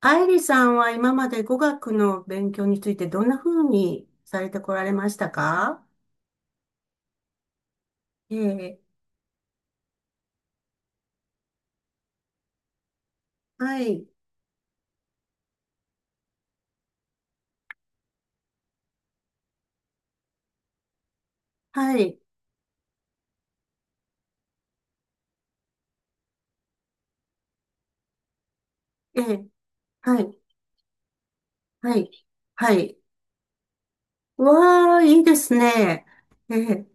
アイリさんは今まで語学の勉強についてどんな風にされてこられましたか？ええ、はい、はい、ええ、はい、はい、はい。わあ、いいですね。ええ、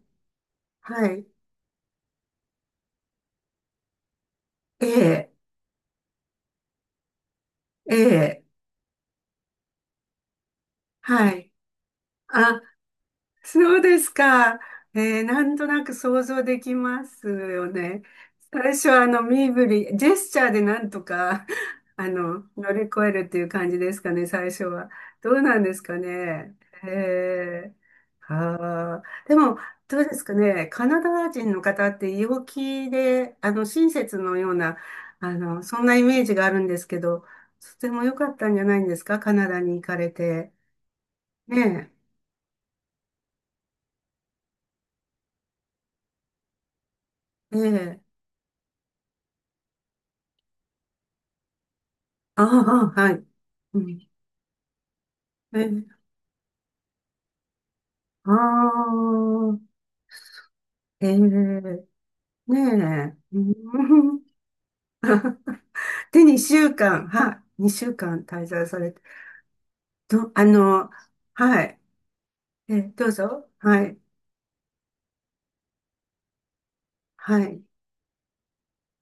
はい、ええ、ええ、はい。あ、そうですか。ねえー、なんとなく想像できますよね。最初は身振り、ジェスチャーでなんとか、乗り越えるっていう感じですかね、最初は。どうなんですかね。はあ、でも、どうですかね。カナダ人の方って陽気で、親切のような、そんなイメージがあるんですけど、とても良かったんじゃないんですか、カナダに行かれて。ねえ、ええ。ああ、はい。うん、えー、ああ、えー、ねえ、うん、で、2週間、はい、2週間滞在されて、ど、あの、はい、どうぞ、はい、はい、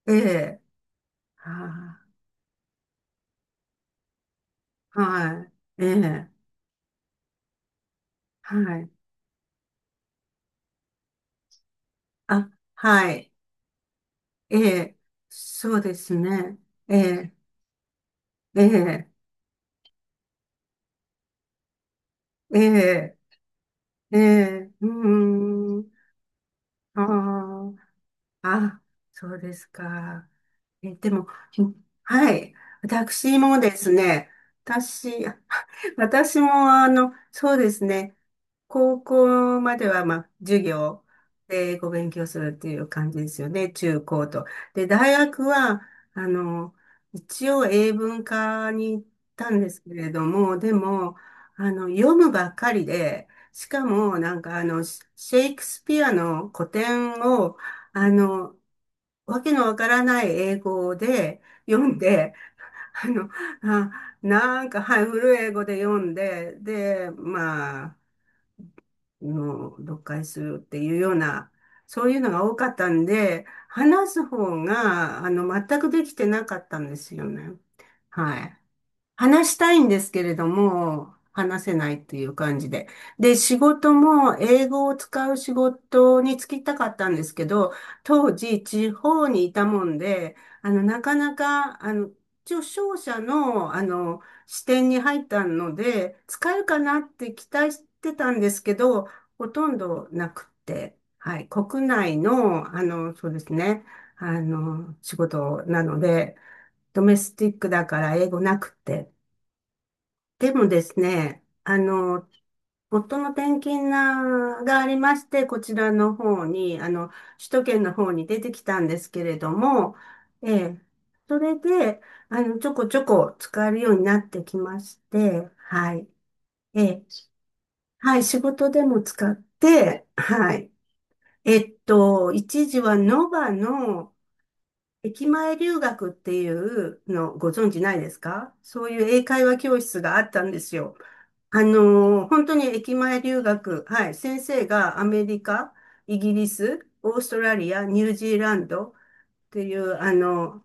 ええ、はあ、はい、ええ、はい、あ、はい、ええ、そうですね、ええ、ええ、ええ、ええ、うーん、ああ、あ、そうですか。でも、はい。私もですね、私、私も、そうですね、高校までは、まあ、授業でご勉強するっていう感じですよね、中高と。で、大学は、あの、一応英文科に行ったんですけれども、でも、読むばっかりで、しかも、なんか、シェイクスピアの古典を、あの、わけのわからない英語で読んで、あの、あ、なんか、はい、古い英語で読んで、で、まあ、読解するっていうような、そういうのが多かったんで、話す方が、全くできてなかったんですよね。はい。話したいんですけれども、話せないという感じで。で、仕事も英語を使う仕事に就きたかったんですけど、当時地方にいたもんで、なかなか、一応商社の、視点に入ったので、使えるかなって期待してたんですけど、ほとんどなくて、はい、国内の、そうですね、仕事なので、ドメスティックだから英語なくて。でもですね、夫の転勤ながありまして、こちらの方に、首都圏の方に出てきたんですけれども、ええ、それで、ちょこちょこ使えるようになってきまして、はい。ええ、はい、仕事でも使って、はい。一時はノバの駅前留学っていうのご存知ないですか？そういう英会話教室があったんですよ。本当に駅前留学、はい、先生がアメリカ、イギリス、オーストラリア、ニュージーランドっていう、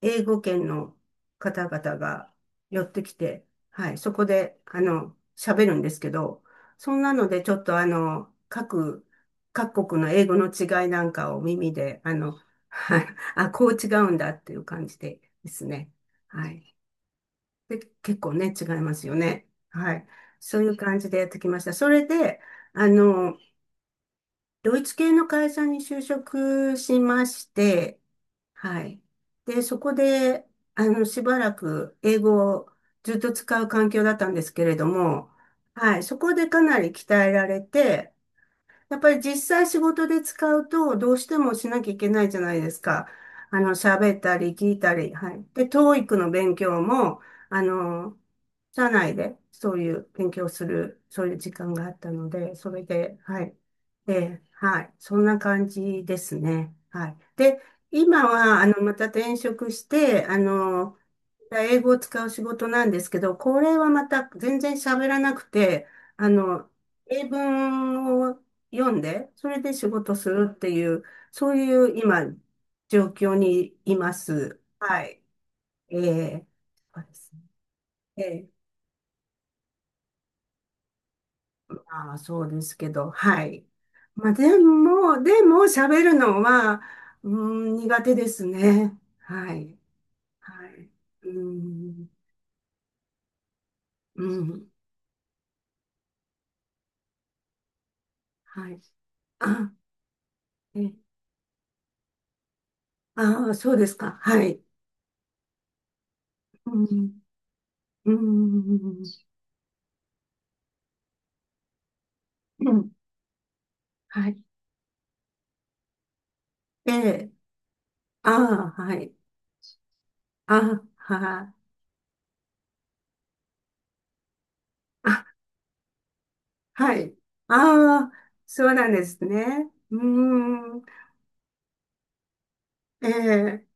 英語圏の方々が寄ってきて、はい、そこで、喋るんですけど、そんなので、ちょっと、各国の英語の違いなんかを耳で、はい、あ、こう違うんだっていう感じでですね。はい。で、結構ね、違いますよね。はい。そういう感じでやってきました。それで、あの、ドイツ系の会社に就職しまして、はい。で、そこで、しばらく英語をずっと使う環境だったんですけれども、はい。そこでかなり鍛えられて、やっぱり実際仕事で使うと、どうしてもしなきゃいけないじゃないですか。喋ったり聞いたり、はい。で、TO の勉強も、あの、社内でそういう勉強する、そういう時間があったので、それで、はい。で、はい。そんな感じですね。はい。で、今は、また転職して、英語を使う仕事なんですけど、これはまた全然喋らなくて、あの、英文を読んで、それで仕事するっていう、そういう今、状況にいます。はい。ええ、そうですね。ええ、まあそうですけど、はい。まあでも、喋るのは、うん、苦手ですね。はい。はい。うん、うん、はい。あ、ええ、ああ、そうですか。はい。うん、うん、うん、はい。ええ、ああ、はい。ああ、はい。あ、はい。ああ、そうなんですね。うん、ええ、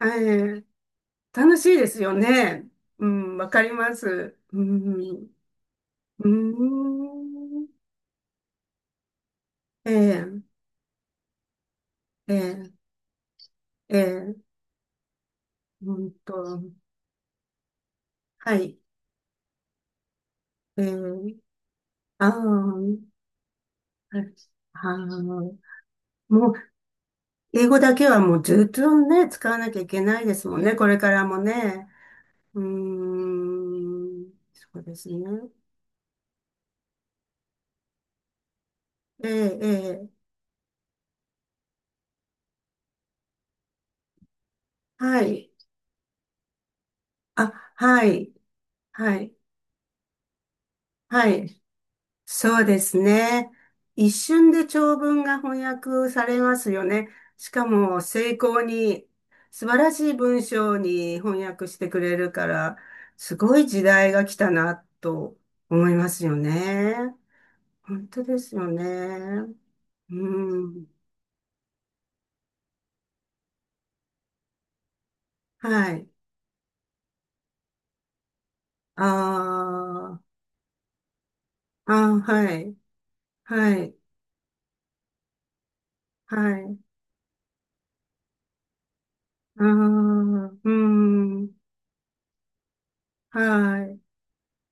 ええ、楽しいですよね。うん、わかります。うん、うん、ええ、ええ、ええ、んと。はい。ええ、ああ、はい。ああ、もう英語だけはもうずっとね、使わなきゃいけないですもんね、これからもね。うーん、そうですね。ええ、ええ、はい。あ、はい、はい、はい。そうですね。一瞬で長文が翻訳されますよね。しかも、精巧に、素晴らしい文章に翻訳してくれるから、すごい時代が来たな、と思いますよね。本当ですよね。うん。はい。ああ、あーはい。はい。はい。ああ、うん。はい。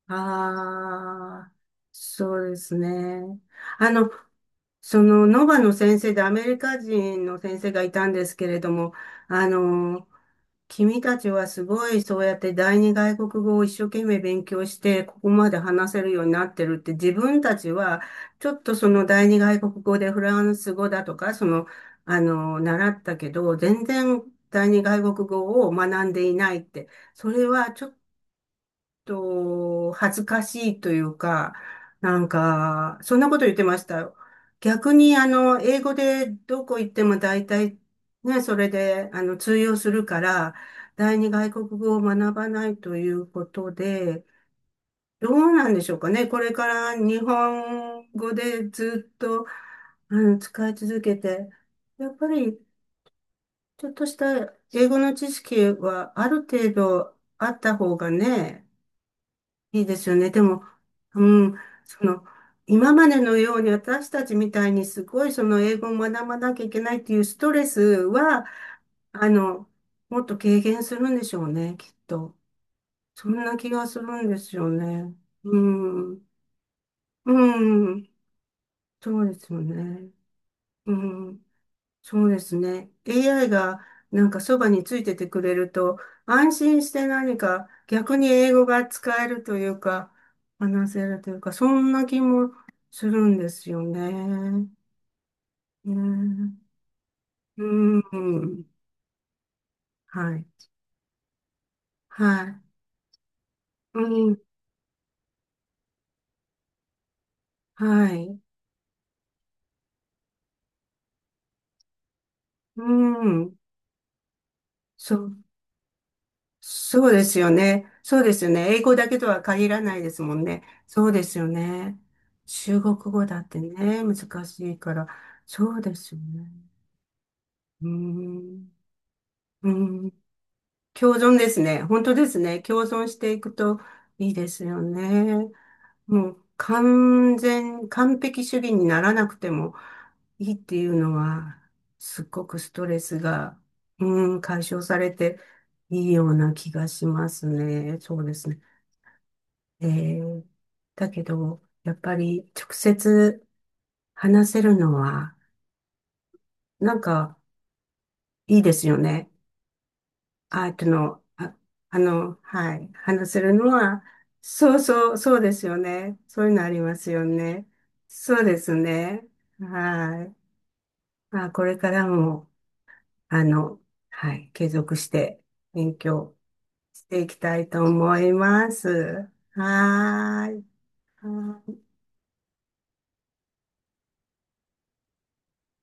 ああ、そうですね。あの、その、ノバの先生でアメリカ人の先生がいたんですけれども、あの、君たちはすごいそうやって第二外国語を一生懸命勉強してここまで話せるようになってるって自分たちはちょっとその第二外国語でフランス語だとかその習ったけど全然第二外国語を学んでいないってそれはちょっと、恥ずかしいというか、なんか、そんなこと言ってました。逆に、英語でどこ行っても大体、ね、それで、通用するから、第二外国語を学ばないということで、どうなんでしょうかね。これから日本語でずっと、使い続けて、やっぱり、ちょっとした英語の知識はある程度あった方がね、いいですよね。でも、うん、その、今までのように私たちみたいにすごいその英語を学ばなきゃいけないっていうストレスは、あの、もっと軽減するんでしょうね、きっと。そんな気がするんですよね。うん、うん、そうですよね。うん、そうですね。AI がなんかそばについててくれると、安心して何か逆に英語が使えるというか、話せるというか、そんな気もするんですよね。うん。うん。はい。はい。うん。はい。うん。そう、そうですよね。そうですよね。英語だけとは限らないですもんね。そうですよね。中国語だってね、難しいから。そうですよね。うーん、うーん、共存ですね。本当ですね。共存していくといいですよね。もう完璧主義にならなくてもいいっていうのは、すっごくストレスが、うん、解消されていいような気がしますね。そうですね。えーだけど、やっぱり直接話せるのは、なんかいいですよね。アートの、あ、はい、話せるのは、そうそう、そうですよね。そういうのありますよね。そうですね。はい。まあ、これからも、あの、はい、継続して勉強していきたいと思います。はーい。はーい